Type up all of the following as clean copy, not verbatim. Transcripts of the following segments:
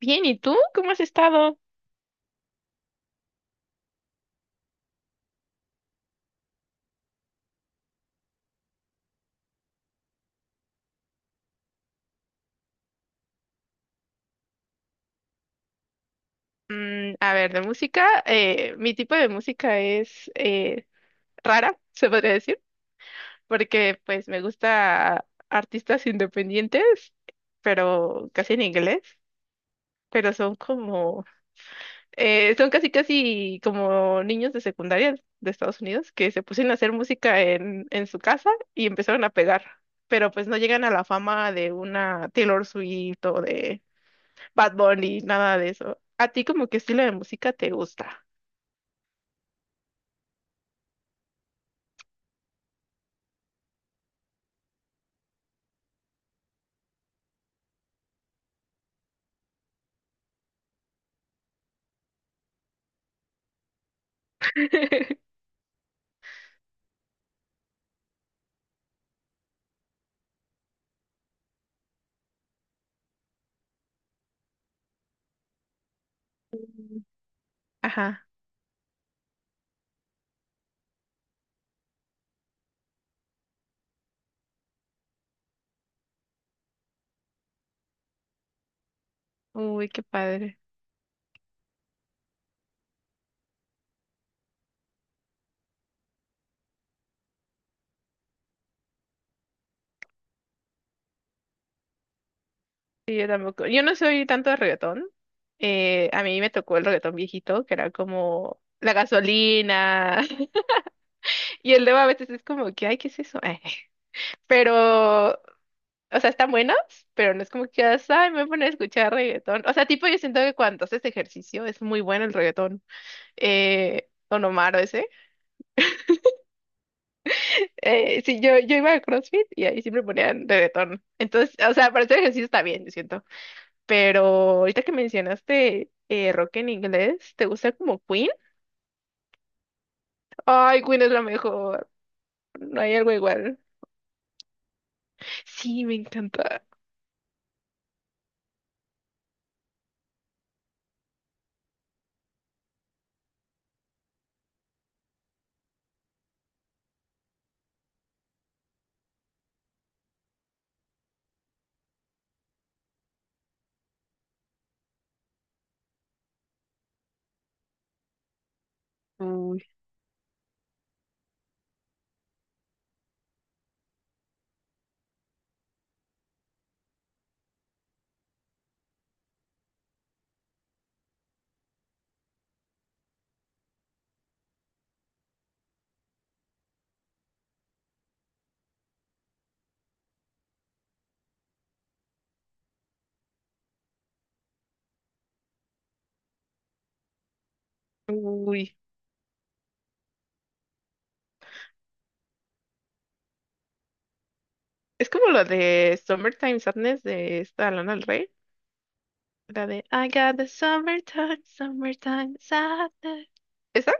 Bien, ¿y tú? ¿Cómo has estado? A ver, de música, mi tipo de música es rara, se podría decir, porque pues me gusta artistas independientes, pero casi en inglés, pero son como, son casi casi como niños de secundaria de Estados Unidos que se pusieron a hacer música en su casa y empezaron a pegar, pero pues no llegan a la fama de una Taylor Swift o de Bad Bunny, nada de eso. ¿A ti como qué estilo de música te gusta? Mm. Ajá. Uy, qué padre. Sí, yo tampoco. Yo no soy tanto de reggaetón. A mí me tocó el reggaetón viejito, que era como la gasolina. Y el luego a veces es como que, ay, ¿qué es eso? Pero, o sea, están buenos, pero no es como que, digas, ay, me voy a poner a escuchar reggaetón. O sea, tipo, yo siento que cuando haces ejercicio es muy bueno el reggaetón. Don Omar o ese. Sí, yo iba a CrossFit y ahí siempre ponían reggaetón. Entonces, o sea, para hacer ejercicio está bien, yo siento. Pero ahorita que mencionaste rock en inglés, ¿te gusta como Queen? Ay, Queen es la mejor. No hay algo igual. Sí, me encanta. Uy, uy. Es como lo de Summertime Sadness de esta Lana del Rey, la de I got the summertime, summertime sadness. ¿Esa?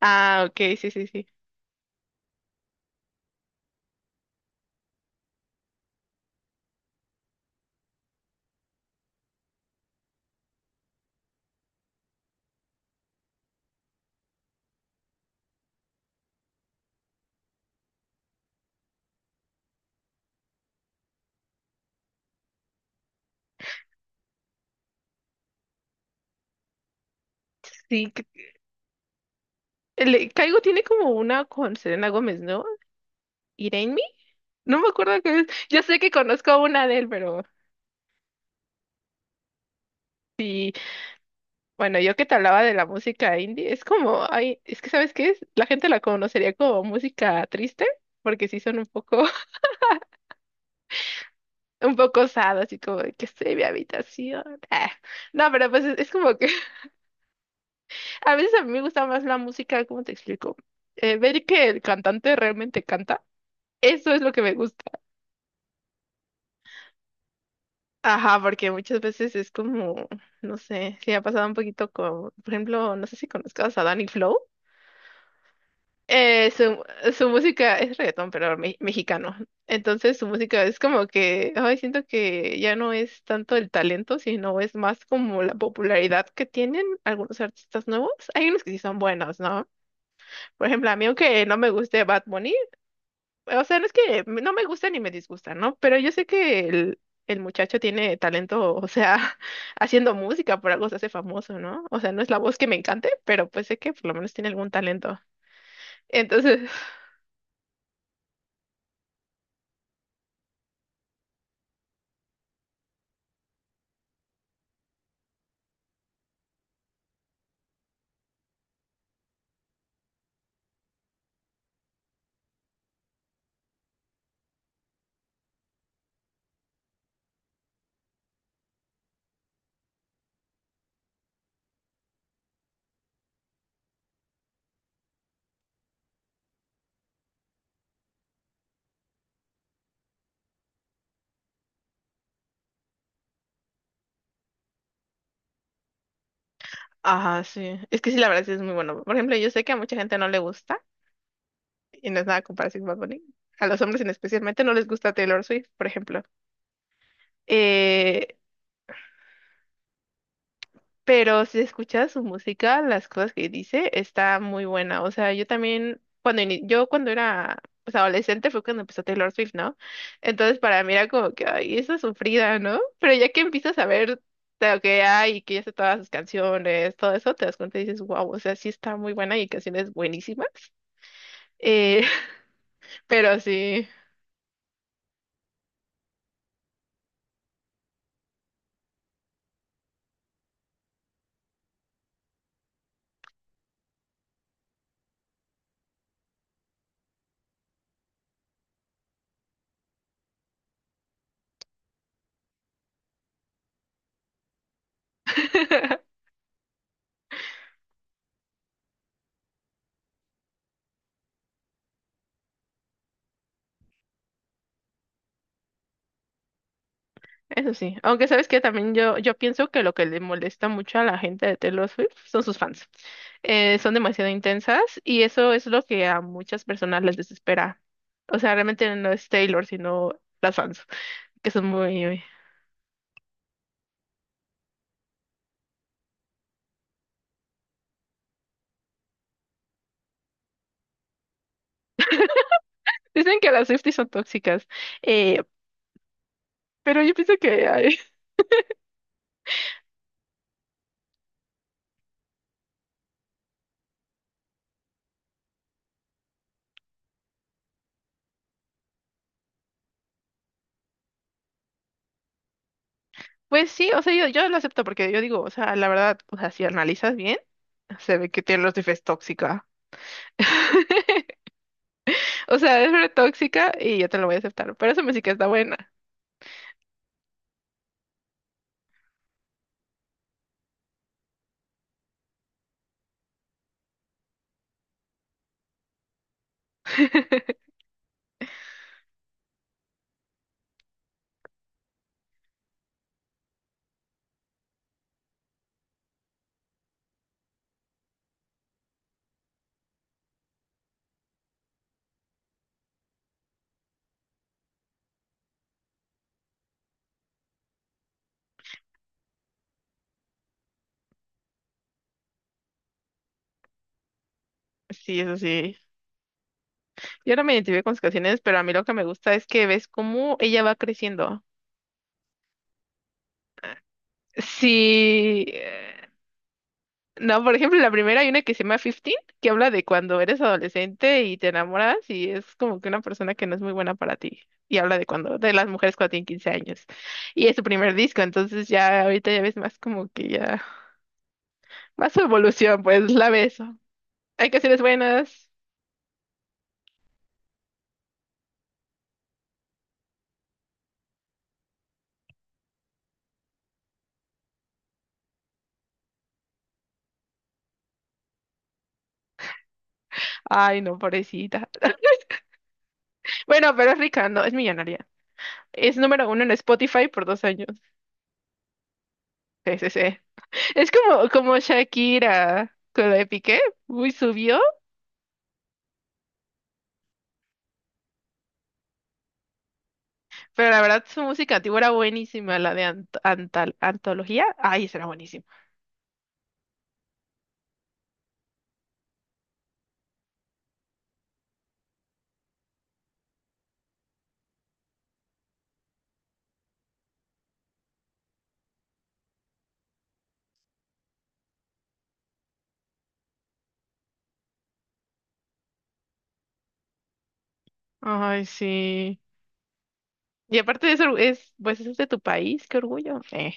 Ah, ok, sí, sí, sí. Sí, Caigo tiene como una con Selena Gómez, ¿no? Irene Me. No me acuerdo qué es. Yo sé que conozco una de él, pero sí. Bueno, yo que te hablaba de la música indie, es como, ay, es que ¿sabes qué es? La gente la conocería como música triste, porque sí son un poco osado, así como de que estoy en mi habitación. Ah, no, pero pues es como que a veces a mí me gusta más la música, ¿cómo te explico? Ver que el cantante realmente canta, eso es lo que me gusta. Ajá, porque muchas veces es como, no sé, si ha pasado un poquito con, por ejemplo, no sé si conozcas a Danny Flow. Eh, su, su música es reggaetón, pero mexicano. Entonces su música es como que, ay, siento que ya no es tanto el talento, sino es más como la popularidad que tienen algunos artistas nuevos. Hay unos que sí son buenos, ¿no? Por ejemplo, a mí aunque no me guste Bad Bunny, o sea, no es que no me gusta ni me disgusta, ¿no? Pero yo sé que el muchacho tiene talento, o sea, haciendo música, por algo se hace famoso, ¿no? O sea, no es la voz que me encante, pero pues sé que por lo menos tiene algún talento. Entonces... Ajá, sí. Es que sí, la verdad sí es muy bueno. Por ejemplo, yo sé que a mucha gente no le gusta, y no es nada comparación con Bad Bunny. A los hombres en especialmente no les gusta Taylor Swift, por ejemplo. Eh, pero si escuchas su música, las cosas que dice, está muy buena. O sea, yo también, cuando yo cuando era pues, adolescente fue cuando empezó Taylor Swift, ¿no? Entonces para mí era como que, ay, esa sufrida, ¿no? Pero ya que empiezas a ver de lo que hay y que ya sé todas sus canciones, todo eso, te das cuenta y dices, wow, o sea, sí está muy buena y hay canciones buenísimas. Eh, pero sí, eso sí. Aunque sabes que también yo pienso que lo que le molesta mucho a la gente de Taylor Swift son sus fans. Son demasiado intensas y eso es lo que a muchas personas les desespera. O sea, realmente no es Taylor, sino las fans, que son muy... Dicen que las Swifties son tóxicas, eh, pero yo pienso que... ay, pues sí, o sea, yo lo acepto porque yo digo, o sea, la verdad, o sea, si analizas bien, se ve que Taylor Swift es tóxica. O sea, es re tóxica y yo te lo voy a aceptar. Pero esa música está buena. Sí, eso sí. Yo no me identifico con sus canciones, pero a mí lo que me gusta es que ves cómo ella va creciendo. Sí. No, por ejemplo, la primera hay una que se llama 15, que habla de cuando eres adolescente y te enamoras y es como que una persona que no es muy buena para ti. Y habla de cuando, de las mujeres cuando tienen 15 años. Y es su primer disco, entonces ya ahorita ya ves más como que ya, más su evolución, pues la ves. Hay canciones buenas. Ay, no, pobrecita. Bueno, pero es rica, no, es millonaria. Es número uno en Spotify por 2 años. Sí, sí, sí. Es como, como Shakira con la de Piqué. Uy, subió. Pero la verdad, su música antigua era buenísima, la de antología. Ay, esa era buenísima. Ay, sí. Y aparte de eso, pues eso es de tu país, qué orgullo. Eh,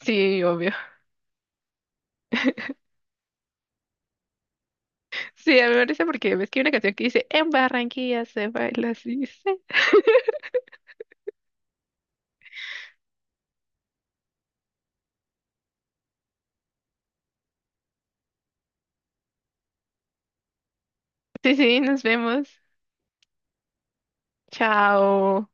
sí, obvio. Sí, a mí me parece porque ves que hay una canción que dice, en Barranquilla se baila así. Sí, sí, sí, nos vemos. Chao.